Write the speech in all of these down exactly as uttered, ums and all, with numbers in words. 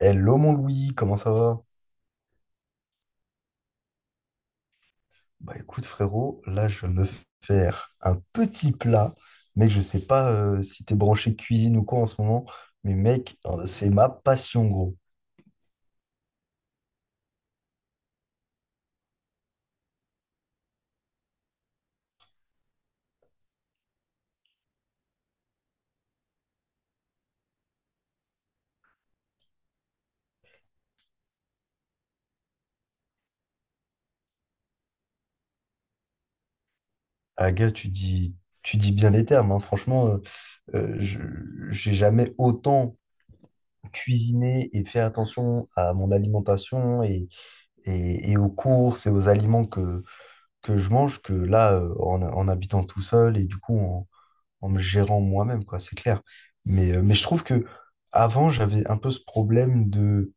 Hello mon Louis, comment ça va? Bah écoute frérot, là je vais me faire un petit plat, mec je sais pas euh, si t'es branché cuisine ou quoi en ce moment, mais mec euh, c'est ma passion gros. Ah gars tu dis, tu dis bien les termes, hein. Franchement euh, euh, je- j'ai jamais autant cuisiné et fait attention à mon alimentation et, et, et aux courses et aux aliments que, que je mange que là euh, en, en habitant tout seul et du coup en me gérant moi-même, quoi, c'est clair. Mais, euh, mais je trouve que avant, j'avais un peu ce problème de.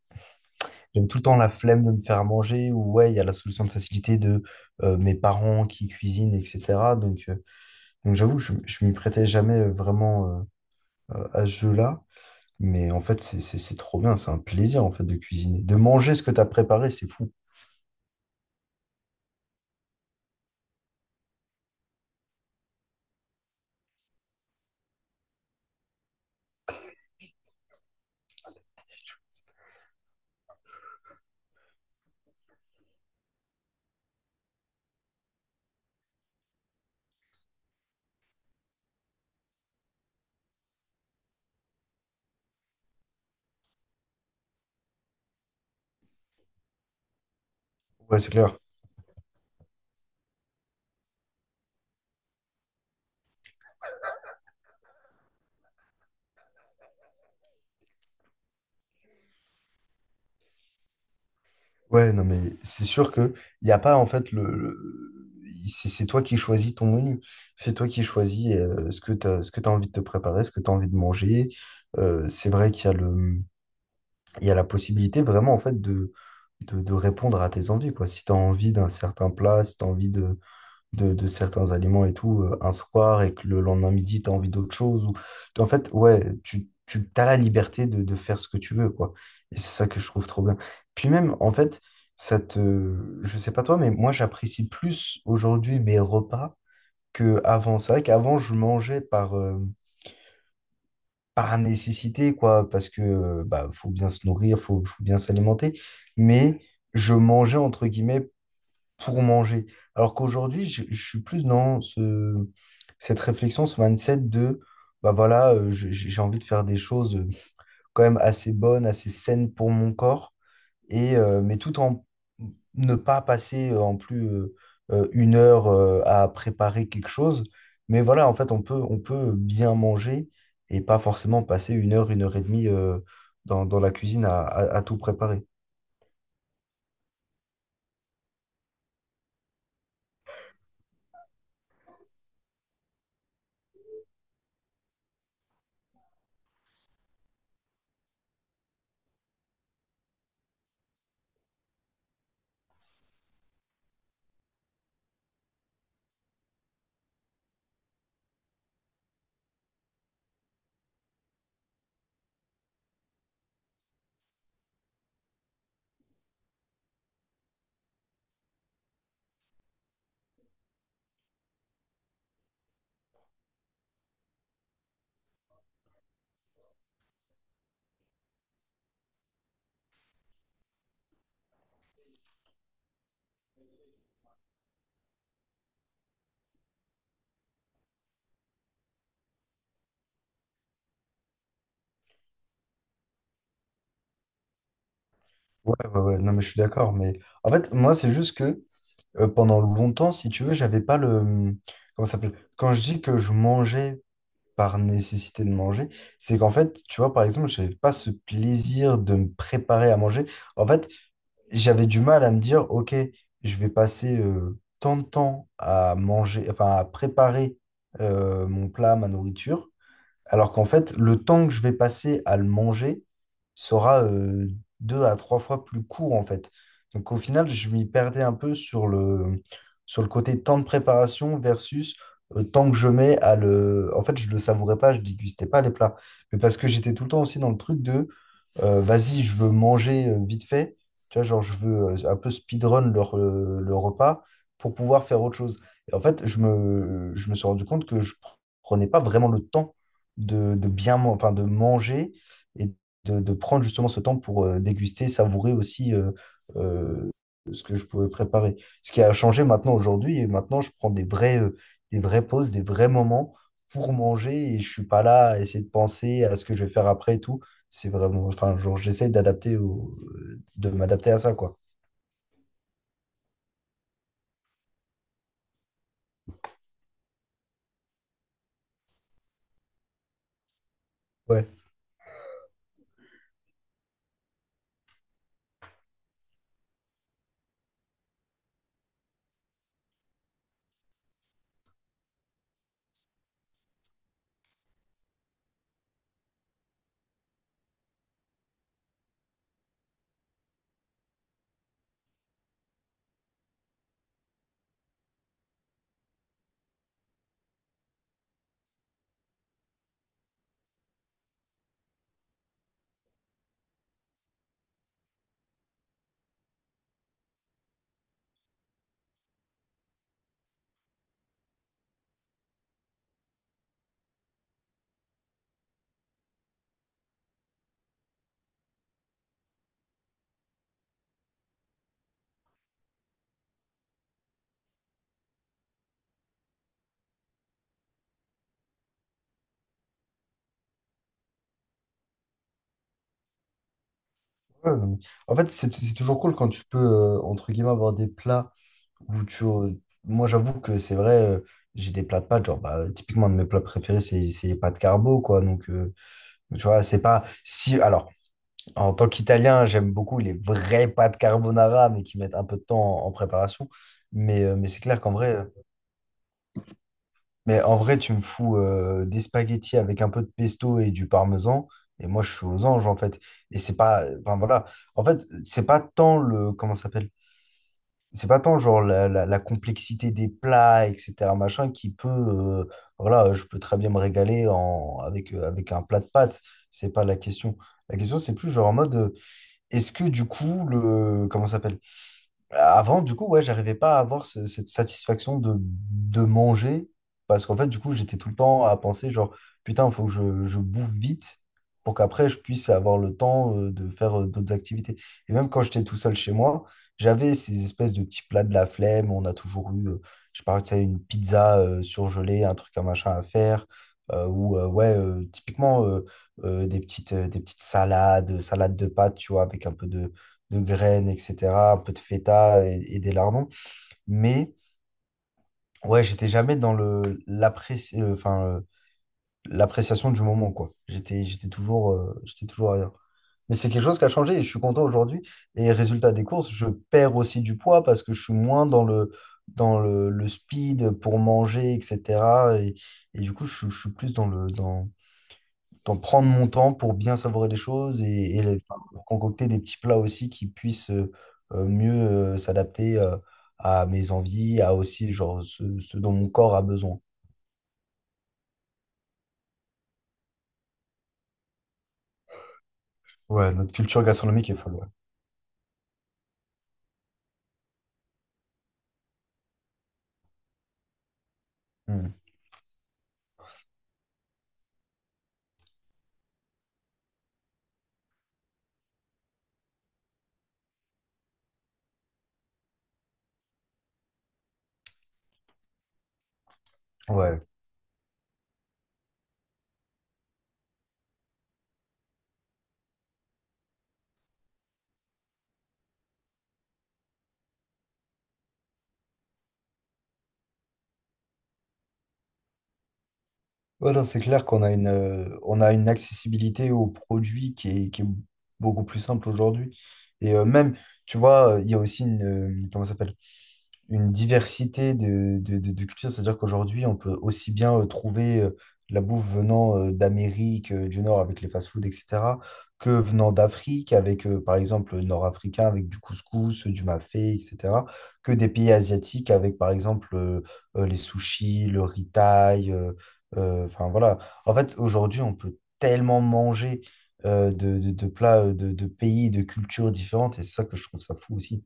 J'avais tout le temps la flemme de me faire à manger, ou ouais, il y a la solution de facilité de euh, mes parents qui cuisinent, et cetera. Donc, euh, donc j'avoue, que je ne m'y prêtais jamais vraiment euh, euh, à ce jeu-là. Mais en fait, c'est c'est- c'est trop bien, c'est un plaisir en fait de cuisiner. De manger ce que tu as préparé, c'est fou. Ouais, c'est clair. Ouais, non, mais c'est sûr que il n'y a pas en fait le, le- c'est c'est toi qui choisis ton menu. C'est toi qui choisis euh, ce que tu as, ce que tu envie de te préparer, ce que tu as envie de manger. Euh, c'est vrai qu'il y a le, il y a la possibilité vraiment en fait de, de, de répondre à tes envies, quoi. Si tu as envie d'un certain plat, si tu as envie de, de, de certains aliments et tout euh, un soir et que le lendemain midi, tu as envie d'autre chose. Ou... En fait, ouais, tu, tu as la liberté de, de faire ce que tu veux, quoi. Et c'est ça que je trouve trop bien. Puis même, en fait, ça te... Je sais pas toi, mais moi, j'apprécie plus aujourd'hui mes repas qu'avant. C'est vrai qu'avant, je mangeais par... euh, par nécessité, quoi, parce que euh, bah, faut bien se nourrir, faut, faut bien s'alimenter, mais je mangeais entre guillemets pour manger. Alors qu'aujourd'hui, je, je suis plus dans ce, cette réflexion, ce mindset de, bah voilà, euh, je- j'ai j'ai envie de faire des choses euh, quand même assez bonnes, assez saines pour mon corps, et, euh, mais tout en ne pas passer euh, en plus euh, euh, une heure euh, à préparer quelque chose. Mais voilà, en fait, on peut, on peut bien manger et pas forcément passer une heure, une heure et demie euh, dans, dans la cuisine à, à- à tout préparer. Ouais, ouais, ouais, non, mais je suis d'accord. Mais en fait, moi, c'est juste que euh, pendant longtemps, si tu veux, j'avais pas le... hum, Comment ça s'appelle? Quand je dis que je mangeais par nécessité de manger, c'est qu'en fait, tu vois, par exemple, j'avais pas ce plaisir de me préparer à manger. En fait, j'avais du mal à me dire, OK, je vais passer euh, tant de temps à manger, enfin, à préparer euh, mon plat, ma nourriture. Alors qu'en fait, le temps que je vais passer à le manger sera euh, deux à trois fois plus court, en fait. Donc au final, je m'y perdais un peu sur le, sur le côté temps de préparation versus euh, temps que je mets à le... En fait, je le savourais pas, je dégustais pas les plats. Mais parce que j'étais tout le temps aussi dans le truc de euh, vas-y, je veux manger euh, vite fait, tu vois, genre je veux euh, un peu speedrun leur, euh, le repas pour pouvoir faire autre chose. Et en fait, je me, je me suis rendu compte que je prenais pas vraiment le temps de, de bien, man- enfin, de manger et de, de prendre justement ce temps pour euh, déguster, savourer aussi euh, euh, ce que je pouvais préparer. Ce qui a changé maintenant aujourd'hui, et maintenant je prends des vrais, euh, des vraies pauses, des vrais moments pour manger et je suis pas là à essayer de penser à ce que je vais faire après et tout c'est vraiment, enfin, genre, j'essaie d'adapter au- de m'adapter à ça, quoi. Ouais. Ouais, non, mais- En fait, c'est c'est toujours cool quand tu peux, euh, entre guillemets, avoir des plats où tu. euh, moi, j'avoue que c'est vrai, euh, j'ai des plats de pâtes. Genre, bah, typiquement, un de mes plats préférés, c'est c'est les pâtes carbo, quoi. Donc, euh, tu vois, c'est pas. Si, alors, en tant qu'Italien, j'aime beaucoup les vraies pâtes carbonara, mais qui mettent un peu de temps en, en préparation. Mais, euh, mais c'est clair qu'en vrai. euh, Mais en vrai, tu me fous euh, des spaghettis avec un peu de pesto et du parmesan, et moi je suis aux anges en fait. Et c'est pas, enfin voilà, en fait, c'est pas tant le, comment ça s'appelle? C'est pas tant genre la, la- la complexité des plats, et cetera machin, qui peut, euh, voilà, euh, je peux très bien me régaler en, avec, euh, avec un plat de pâtes, c'est pas la question. La question, c'est plus genre en mode, euh, est-ce que du coup, le, comment ça s'appelle? Avant, du coup, ouais, j'arrivais pas à avoir ce- cette satisfaction de, de manger parce qu'en fait, du coup, j'étais tout le temps à penser genre, putain, il faut que je, je bouffe vite pour qu'après, je puisse avoir le temps euh, de faire euh, d'autres activités. Et même quand j'étais tout seul chez moi, j'avais ces espèces de petits plats de la flemme. On a toujours eu, euh, je parlais de ça, une pizza euh, surgelée, un truc, un machin à faire. Euh, ou euh, ouais, euh, typiquement euh, euh, des petites, euh, des petites salades, salades de pâtes, tu vois, avec un peu de, de graines, et cetera, un peu de feta et, et des lardons. Mais ouais, j'étais jamais dans le, l'appréci- euh, enfin, euh, l'appréciation du moment, quoi. J'étais, j'étais toujours, euh, j'étais toujours ailleurs. Mais c'est quelque chose qui a changé et je suis content aujourd'hui. Et résultat des courses, je perds aussi du poids parce que je suis moins dans le, dans le, le speed pour manger, et cetera. Et, et du coup, je, je suis plus dans le, dans, d'en prendre mon temps pour bien savourer les choses et, et les- enfin, pour concocter des petits plats aussi qui puissent euh, euh, mieux euh, s'adapter euh, à mes envies, à aussi genre ce, ce dont mon corps a besoin. Ouais, notre culture gastronomique est folle, ouais. Hmm. Ouais. Ouais, non, c'est clair qu'on a une, euh, on a une accessibilité aux produits qui est, qui est beaucoup plus simple aujourd'hui. Et euh, même, tu vois, il y a aussi une, euh, comment ça s'appelle? Une diversité de, de, de- de cultures. C'est-à-dire qu'aujourd'hui, on peut aussi bien euh, trouver euh, la bouffe venant euh, d'Amérique euh, du Nord avec les fast-foods, et cetera, que venant d'Afrique avec, euh, par exemple, le nord-africain avec du couscous, du mafé, et cetera, que des pays asiatiques avec, par exemple, euh, euh, les sushis, le riz thaï. euh, euh, Enfin, voilà. En fait, aujourd'hui, on peut tellement manger. euh, de, de- de plats euh, de, de pays, de cultures différentes, et c'est ça que je trouve ça fou aussi.